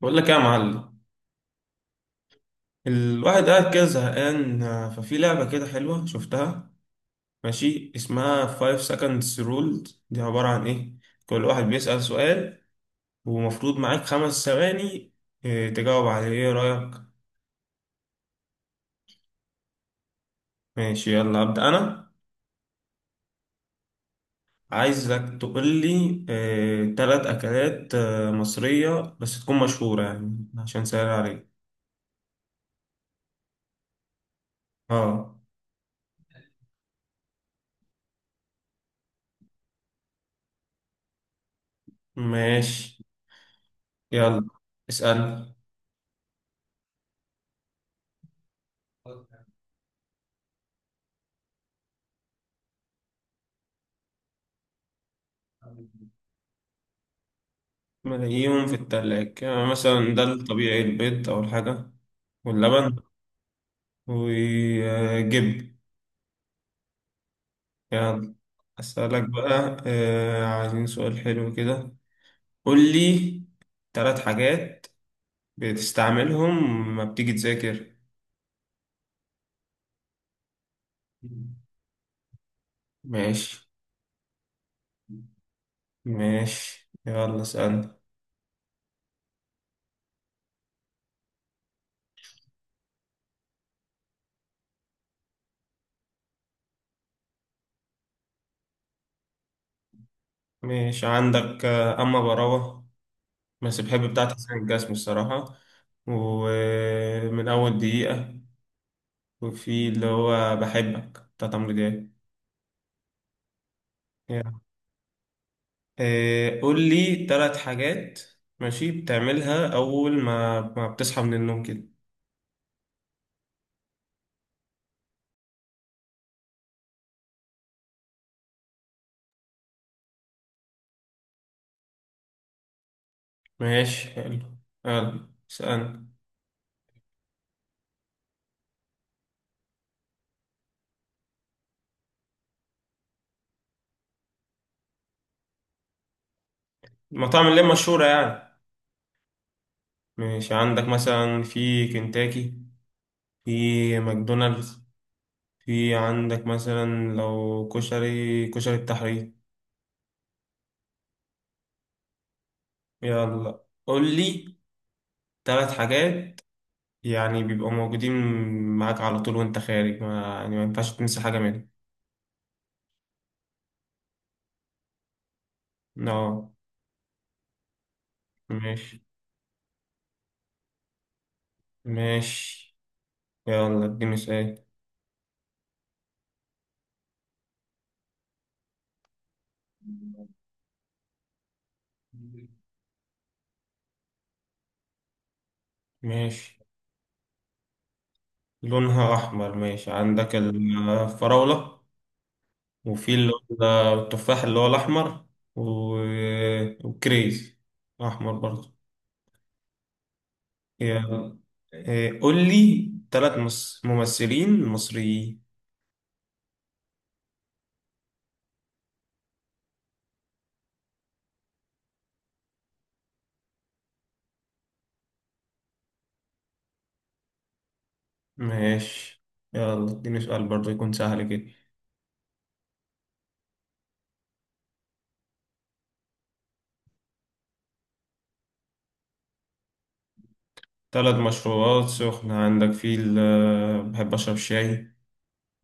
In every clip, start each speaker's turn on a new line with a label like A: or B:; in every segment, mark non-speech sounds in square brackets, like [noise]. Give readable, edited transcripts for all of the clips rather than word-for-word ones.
A: بقول لك إيه يا معلم؟ الواحد قاعد كده زهقان، ففي لعبة كده حلوة شفتها. ماشي، اسمها 5 seconds ruled، دي عبارة عن ايه؟ كل واحد بيسأل سؤال، ومفروض معاك 5 ثواني تجاوب عليه. ايه رأيك؟ ماشي، يلا أبدأ انا. عايزك تقول لي تلات اكلات مصرية، بس تكون مشهورة يعني عشان سهل عليك. اه. ماشي، يلا اسأل. ملاقيهم في التلاج، يعني مثلا ده الطبيعي البيض أول حاجة، واللبن، وجب يعني. أسألك بقى عايزين سؤال حلو كده. قول لي ثلاث حاجات بتستعملهم لما بتيجي تذاكر. ماشي، ماشي، يلا اسألني. ماشي، عندك أما براوة، بس بحب بتاعت حسين الجسمي الصراحة، ومن أول دقيقة، وفي اللي هو بحبك بتاعت عمرو دياب. يا. قول لي ثلاث حاجات ماشي بتعملها أول ما بتصحى من النوم كده. ماشي حلو، يلا اسألني. المطاعم اللي هي مشهورة يعني. ماشي، عندك مثلا في كنتاكي، في ماكدونالدز، في عندك مثلا لو كشري، كشري التحرير. يلا قول لي ثلاث حاجات يعني بيبقوا موجودين معاك على طول وانت خارج، ما يعني ما ينفعش تنسى حاجة منهم. اه ماشي. ماشي، يلا اديني سؤال. ماشي، لونها أحمر، ماشي، عندك الفراولة، وفي اللي هو التفاح اللي هو الأحمر، و... وكريز أحمر برضه. يلا. إيه، قول لي تلات ممثلين مصريين. ماشي، يلا اديني سؤال برضه يكون سهل كده. تلات مشروبات سخنة، عندك في بحب أشرب شاي،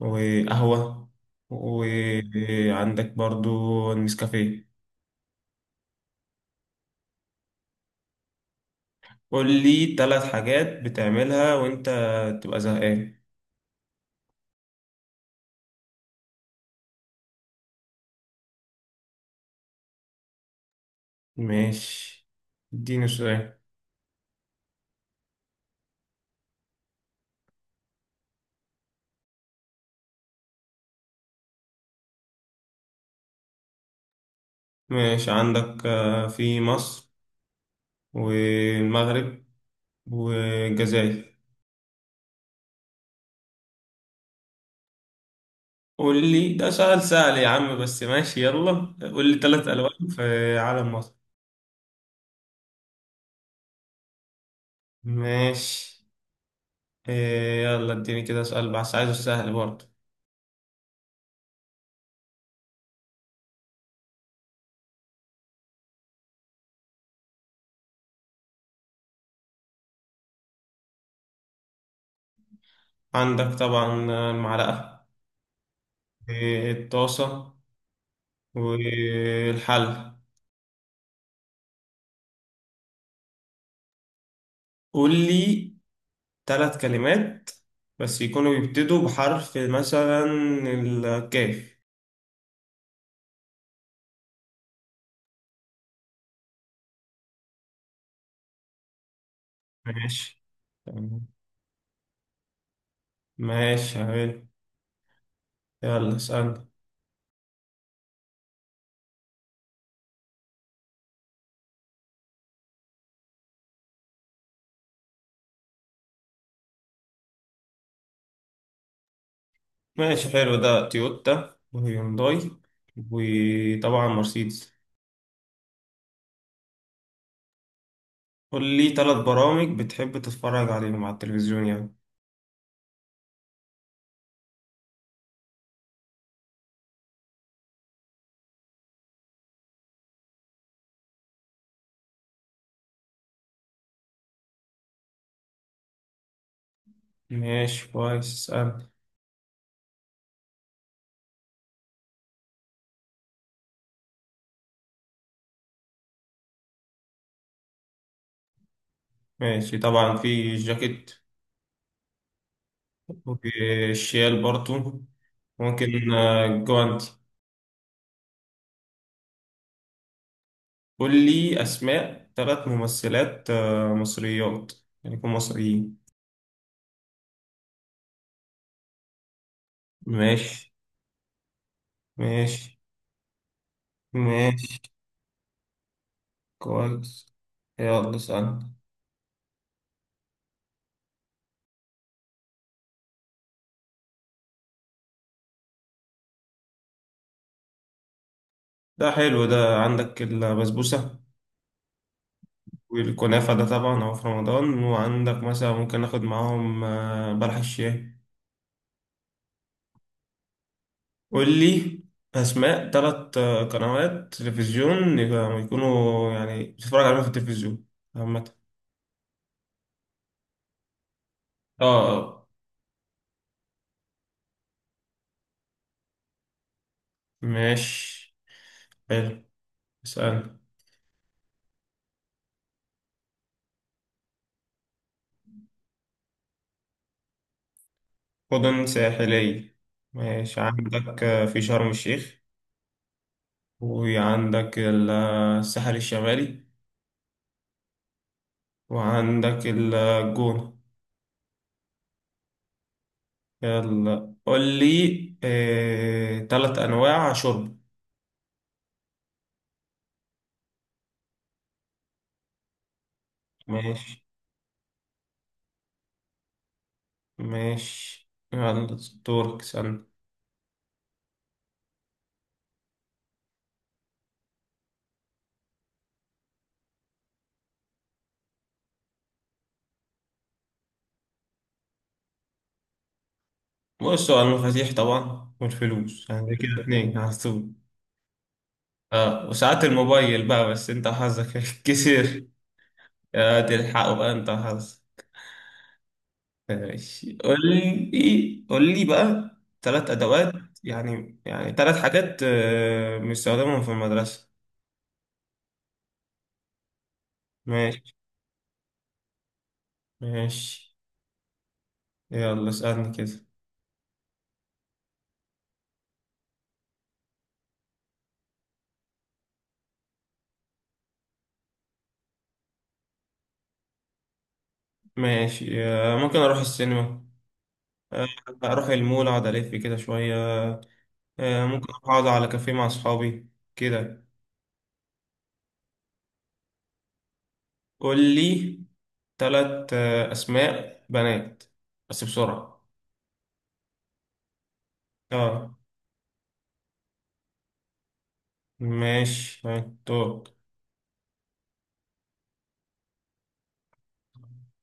A: وقهوة، وعندك برضو النسكافيه. قول لي ثلاث حاجات بتعملها وانت تبقى زهقان. ماشي، اديني سؤال. ماشي، عندك في مصر، والمغرب، والجزائر. قول لي، ده سؤال سهل يا عم، بس ماشي يلا، قول لي ثلاث ألوان في علم مصر. ماشي، يلا اديني كده سؤال، بس عايزه سهل برضه. عندك طبعا المعلقة، الطاسة، والحل. قول لي ثلاث كلمات، بس يكونوا يبتدوا بحرف مثلا الكاف. ماشي تمام. ماشي حلو، يلا اسألني. ماشي حلو، ده تويوتا، وهيونداي، وطبعا مرسيدس. قول لي ثلاث برامج بتحب تتفرج عليهم على التلفزيون يعني. ماشي كويس، اسألني. ماشي، طبعا في جاكيت، ممكن الشيال برضو، ممكن جوانتي. قول لي أسماء ثلاث ممثلات مصريات، يعني يكون مصريين. ماشي، ماشي، ماشي كويس، يلا سأل. ده حلو، ده عندك البسبوسة، والكنافة، ده طبعا هو في رمضان، وعندك مثلا ممكن ناخد معاهم بلح الشاي. قول لي أسماء ثلاث قنوات تلفزيون يكونوا يعني بتتفرج عليهم في التلفزيون عامة. اه اه ماشي حلو، اسأل. مدن ساحلية. ماشي، عندك في شرم الشيخ، وعندك الساحل الشمالي، وعندك الجونة. يلا قول لي تلات أنواع شرب. ماشي. ماشي يلا، دورك سألني. بص، هو المفاتيح طبعا، والفلوس، يعني كده اتنين على طول. اه، وساعات الموبايل بقى، بس انت حظك [laughs] كتير. يا تلحقوا بقى انت حظ. ماشي، قول لي قول لي بقى ثلاث ادوات. يعني ثلاث حاجات بنستخدمهم في المدرسة. ماشي. ماشي، يلا اسألني كده. ماشي، ممكن اروح السينما، آه، اروح المول اقعد الف كده شوية، ممكن اقعد على كافيه مع اصحابي كده. قول لي ثلاث اسماء بنات بس بسرعة. اه. ماشي هاي، دور.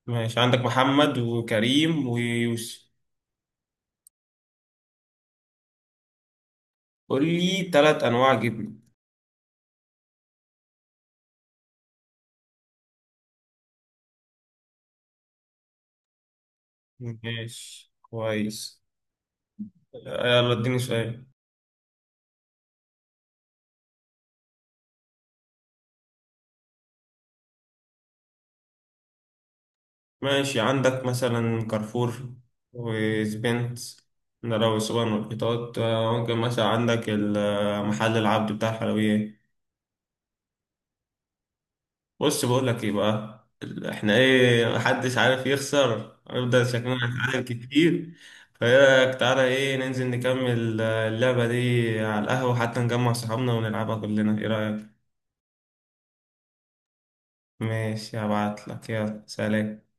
A: ماشي، عندك محمد، وكريم، ويوسف. قول لي ثلاث انواع جبنه. ماشي كويس، يلا اديني سؤال. ماشي، عندك مثلا كارفور، وسبنت، ده لو سوبر ماركتات، ممكن مثلا عندك محل العبد بتاع الحلويات. بص بقول لك ايه بقى، احنا ايه محدش عارف يخسر، هنفضل شكلنا نتعلم كتير. فايه رايك، تعالى ايه، ننزل نكمل اللعبة دي على القهوة حتى نجمع صحابنا ونلعبها كلنا، ايه رايك؟ ماشي، هبعت لك، يلا سلام.